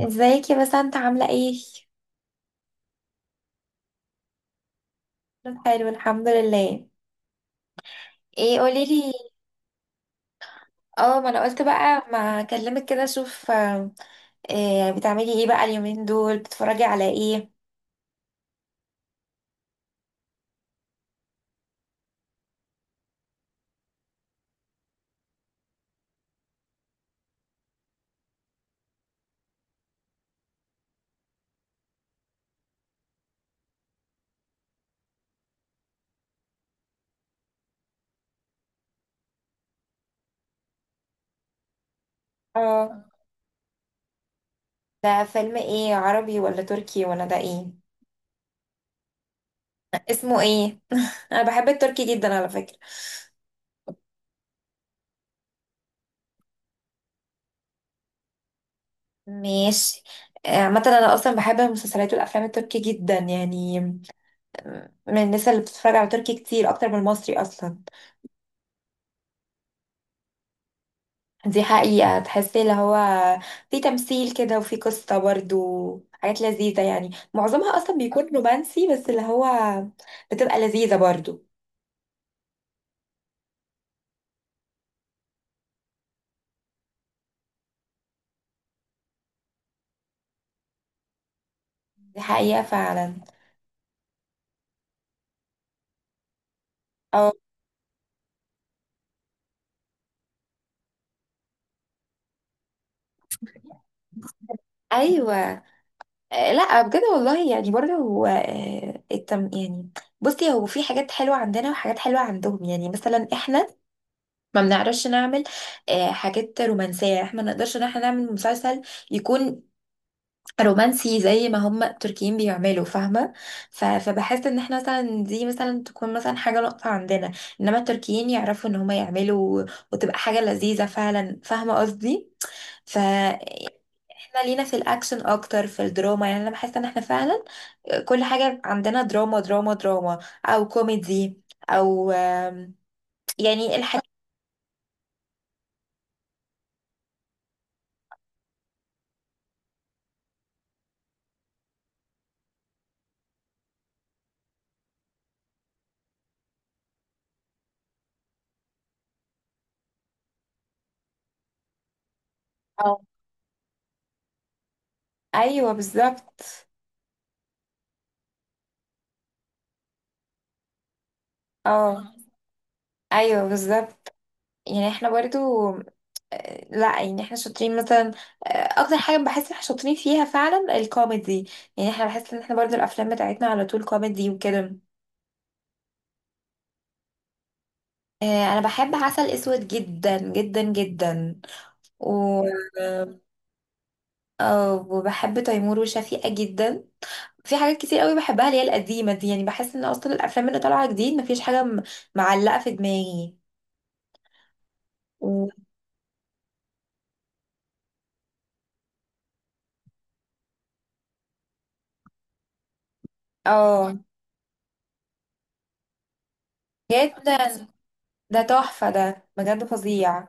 ازيك يا بسنت عاملة ايه؟ حلو الحمد لله. ايه قوليلي. اه، ما انا قلت بقى ما اكلمك كده اشوف. إيه بتعملي ايه بقى اليومين دول بتتفرجي على ايه؟ اه، ده فيلم ايه، عربي ولا تركي ولا ده ايه؟ اسمه ايه؟ انا بحب التركي جدا على فكرة. ماشي. عامة انا اصلا بحب المسلسلات والافلام التركي جدا يعني. من الناس اللي بتتفرج على تركي كتير اكتر من المصري اصلا. دي حقيقة، تحسي اللي هو في تمثيل كده وفي قصة برضو. حاجات لذيذة، يعني معظمها أصلا بيكون رومانسي بس اللي هو بتبقى لذيذة برضو. دي حقيقة فعلا. أو. أيوة. لا بجد والله، يعني برضو هو التم يعني. بصي، هو في حاجات حلوة عندنا وحاجات حلوة عندهم. يعني مثلا احنا ما بنعرفش نعمل حاجات رومانسية. احنا ما نقدرش ان احنا نعمل مسلسل يكون رومانسي زي ما هم التركيين بيعملوا، فاهمة؟ ف- فبحس ان احنا مثلا دي مثلا تكون مثلا حاجة نقطة عندنا، انما التركيين يعرفوا ان هم يعملوا وتبقى حاجة لذيذة فعلا، فاهمة قصدي؟ ف احنا لينا في الاكشن اكتر، في الدراما. يعني انا بحس ان احنا فعلا كل حاجة عندنا دراما دراما دراما، او كوميدي، او يعني الحاجة. أو. ايوه بالظبط. اه. ايوه بالظبط. يعني احنا برضو لا، يعني احنا شاطرين مثلا. آه، اكتر حاجه بحس ان احنا شاطرين فيها فعلا الكوميدي. يعني احنا بحس ان احنا برضو الافلام بتاعتنا على طول كوميدي وكده. انا بحب عسل اسود جدا جدا جدا. و وبحب تيمور وشفيقة جدا. في حاجات كتير قوي بحبها اللي هي القديمه دي. يعني بحس ان اصلا الافلام اللي طالعه جديد مفيش حاجه معلقه في دماغي. و- اه. جدا. ده تحفه ده بجد، فظيع.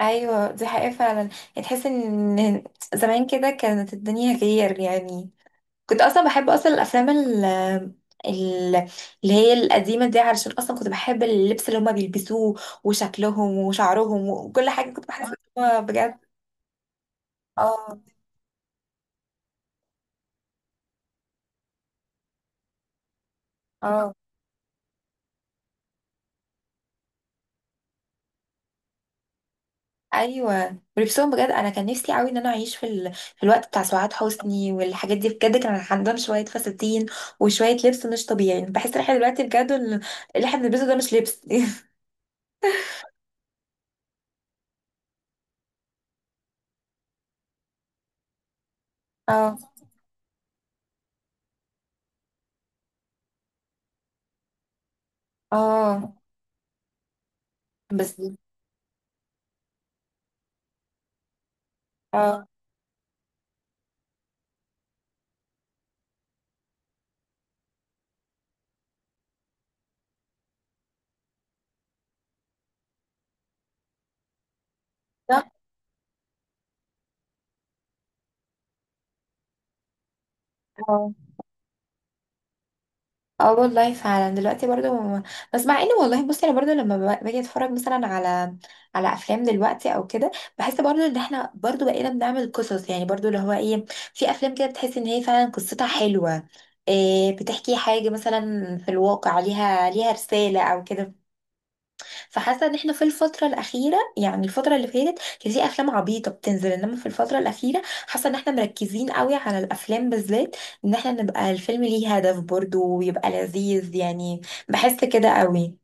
ايوه دي حقيقة فعلا، يعني تحس ان زمان كده كانت الدنيا غير يعني. كنت اصلا بحب اصلا الافلام ال- اللي هي القديمة دي، علشان اصلا كنت بحب اللبس اللي هما بيلبسوه وشكلهم وشعرهم وكل حاجة. كنت بحس ان هو بجد. اه. اه. ايوه، ولبسهم بجد انا كان نفسي قوي ان انا اعيش في في الوقت بتاع سعاد حسني والحاجات دي. بجد كان عندهم شوية فساتين وشوية لبس مش طبيعي. بحس ان احنا دلوقتي بجد اللي احنا بنلبسه ده مش لبس. اه. اه. بس. اه. لا. اه. اه والله فعلا دلوقتي برضو بس، مع ان والله بصي انا برضو لما باجي اتفرج مثلا على على افلام دلوقتي او كده، بحس برضو ان احنا برضو بقينا بنعمل قصص. يعني برضو اللي هو ايه، في افلام كده بتحس ان هي فعلا قصتها حلوة، إيه، بتحكي حاجة مثلا في الواقع ليها ليها رسالة او كده. فحاسه ان احنا في الفتره الاخيره، يعني الفتره اللي فاتت كان في افلام عبيطه بتنزل، انما في الفتره الاخيره حاسه ان احنا مركزين قوي على الافلام بالذات، ان احنا نبقى الفيلم ليه هدف برضه ويبقى لذيذ يعني. بحس كده قوي.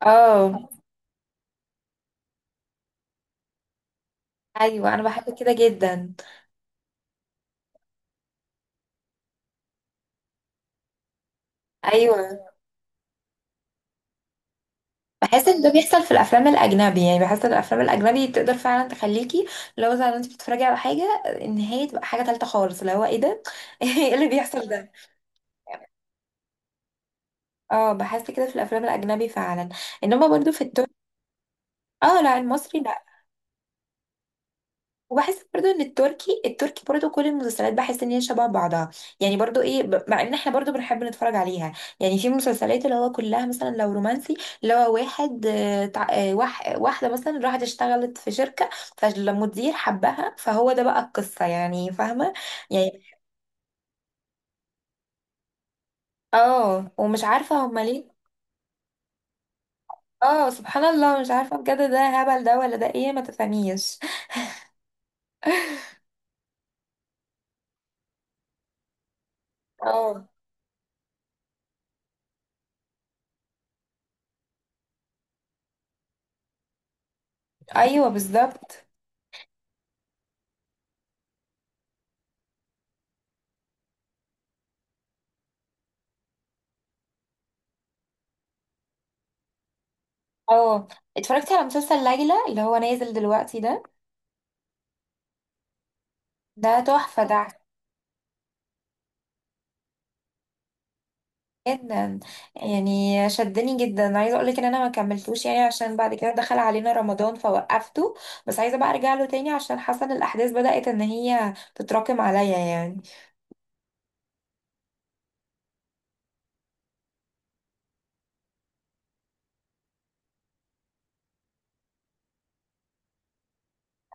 اه. ايوه انا بحب كده جدا. ايوه. بحس ان ده بيحصل في الافلام الاجنبي. يعني بحس ان الافلام الاجنبي تقدر فعلا تخليكي لو زي ما انت بتتفرجي على حاجه، النهايه تبقى حاجه تالته خالص، اللي هو ايه ده؟ ايه اللي بيحصل ده؟ اه بحس كده في الافلام الاجنبي فعلا، انما برضو في التركي. اه لا، المصري لا. وبحس برضو ان التركي، التركي برضو كل المسلسلات بحس ان هي شبه بعضها. يعني برضو ايه، مع ان احنا برضو بنحب نتفرج عليها. يعني في مسلسلات اللي هو كلها مثلا، لو رومانسي اللي هو واحد واحده مثلا راحت اشتغلت في شركه، فالمدير حبها، فهو ده بقى القصه، يعني فاهمه؟ يعني اه، ومش عارفه هما ليه. اه سبحان الله، مش عارفه بجد ده هبل ده ولا ده ايه، ما تفهميش. اه. ايوه بالظبط. اه، اتفرجتي على مسلسل ليلى اللي هو نازل دلوقتي ده؟ ده تحفه ده. جدا. يعني شدني جدا، عايزه اقول لك ان انا ما كملتوش يعني، عشان بعد كده دخل علينا رمضان فوقفته، بس عايزه بقى ارجع له تاني عشان حاسه ان الاحداث بدات ان هي تتراكم عليا يعني.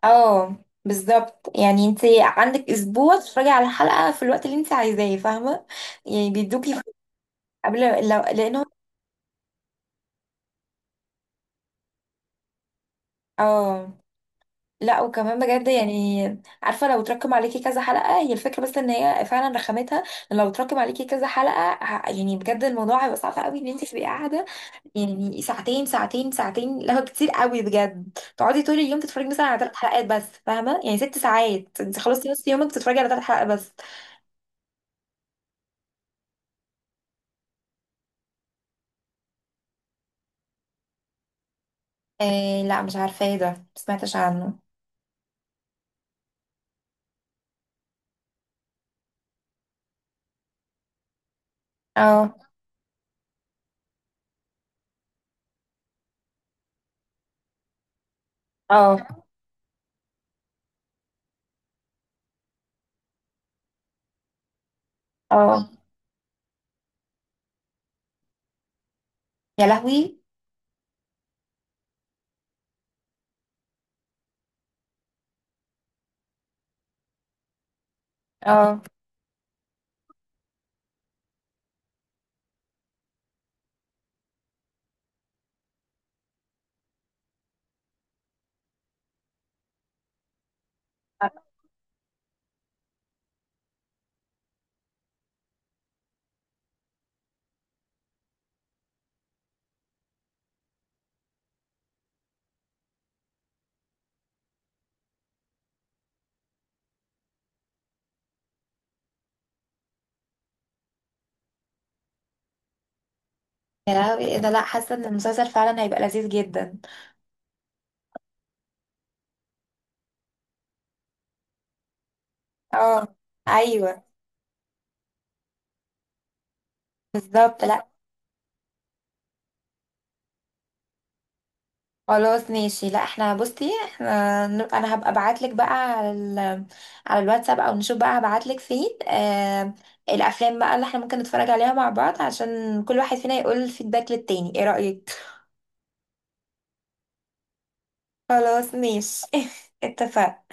اه. بالظبط، يعني انت عندك اسبوع تتفرجي على الحلقه في الوقت اللي انت عايزاه، فاهمه؟ يعني بيدوكي قبل، لو لانه اه. لا وكمان بجد يعني، عارفه لو تركم عليكي كذا حلقه، هي الفكره بس ان هي فعلا رخامتها إن لو تركم عليكي كذا حلقه يعني بجد الموضوع هيبقى صعب قوي ان انت تبقي قاعده. يعني ساعتين ساعتين ساعتين، لا هو كتير قوي بجد. تقعدي طول اليوم تتفرجي مثلا على ثلاث حلقات بس، فاهمه؟ يعني ست ساعات انت خلصتي نص يومك بتتفرجي على ثلاث حلقات بس. إيه، لا مش عارفه ايه ده، ما سمعتش عنه. اه. اه. اه. يا لهوي. اه. يا لهوي ايه ده، لا حاسه ان المسلسل فعلا هيبقى لذيذ جدا. اه. ايوه بالظبط. لا. خلاص ماشي. لا احنا بصي احنا انا هبقى ابعت لك بقى على على الواتساب، او نشوف بقى هبعت لك فين. الافلام بقى اللي احنا ممكن نتفرج عليها مع بعض، عشان كل واحد فينا يقول الفيدباك للتاني، ايه رأيك؟ خلاص ماشي. اتفقنا.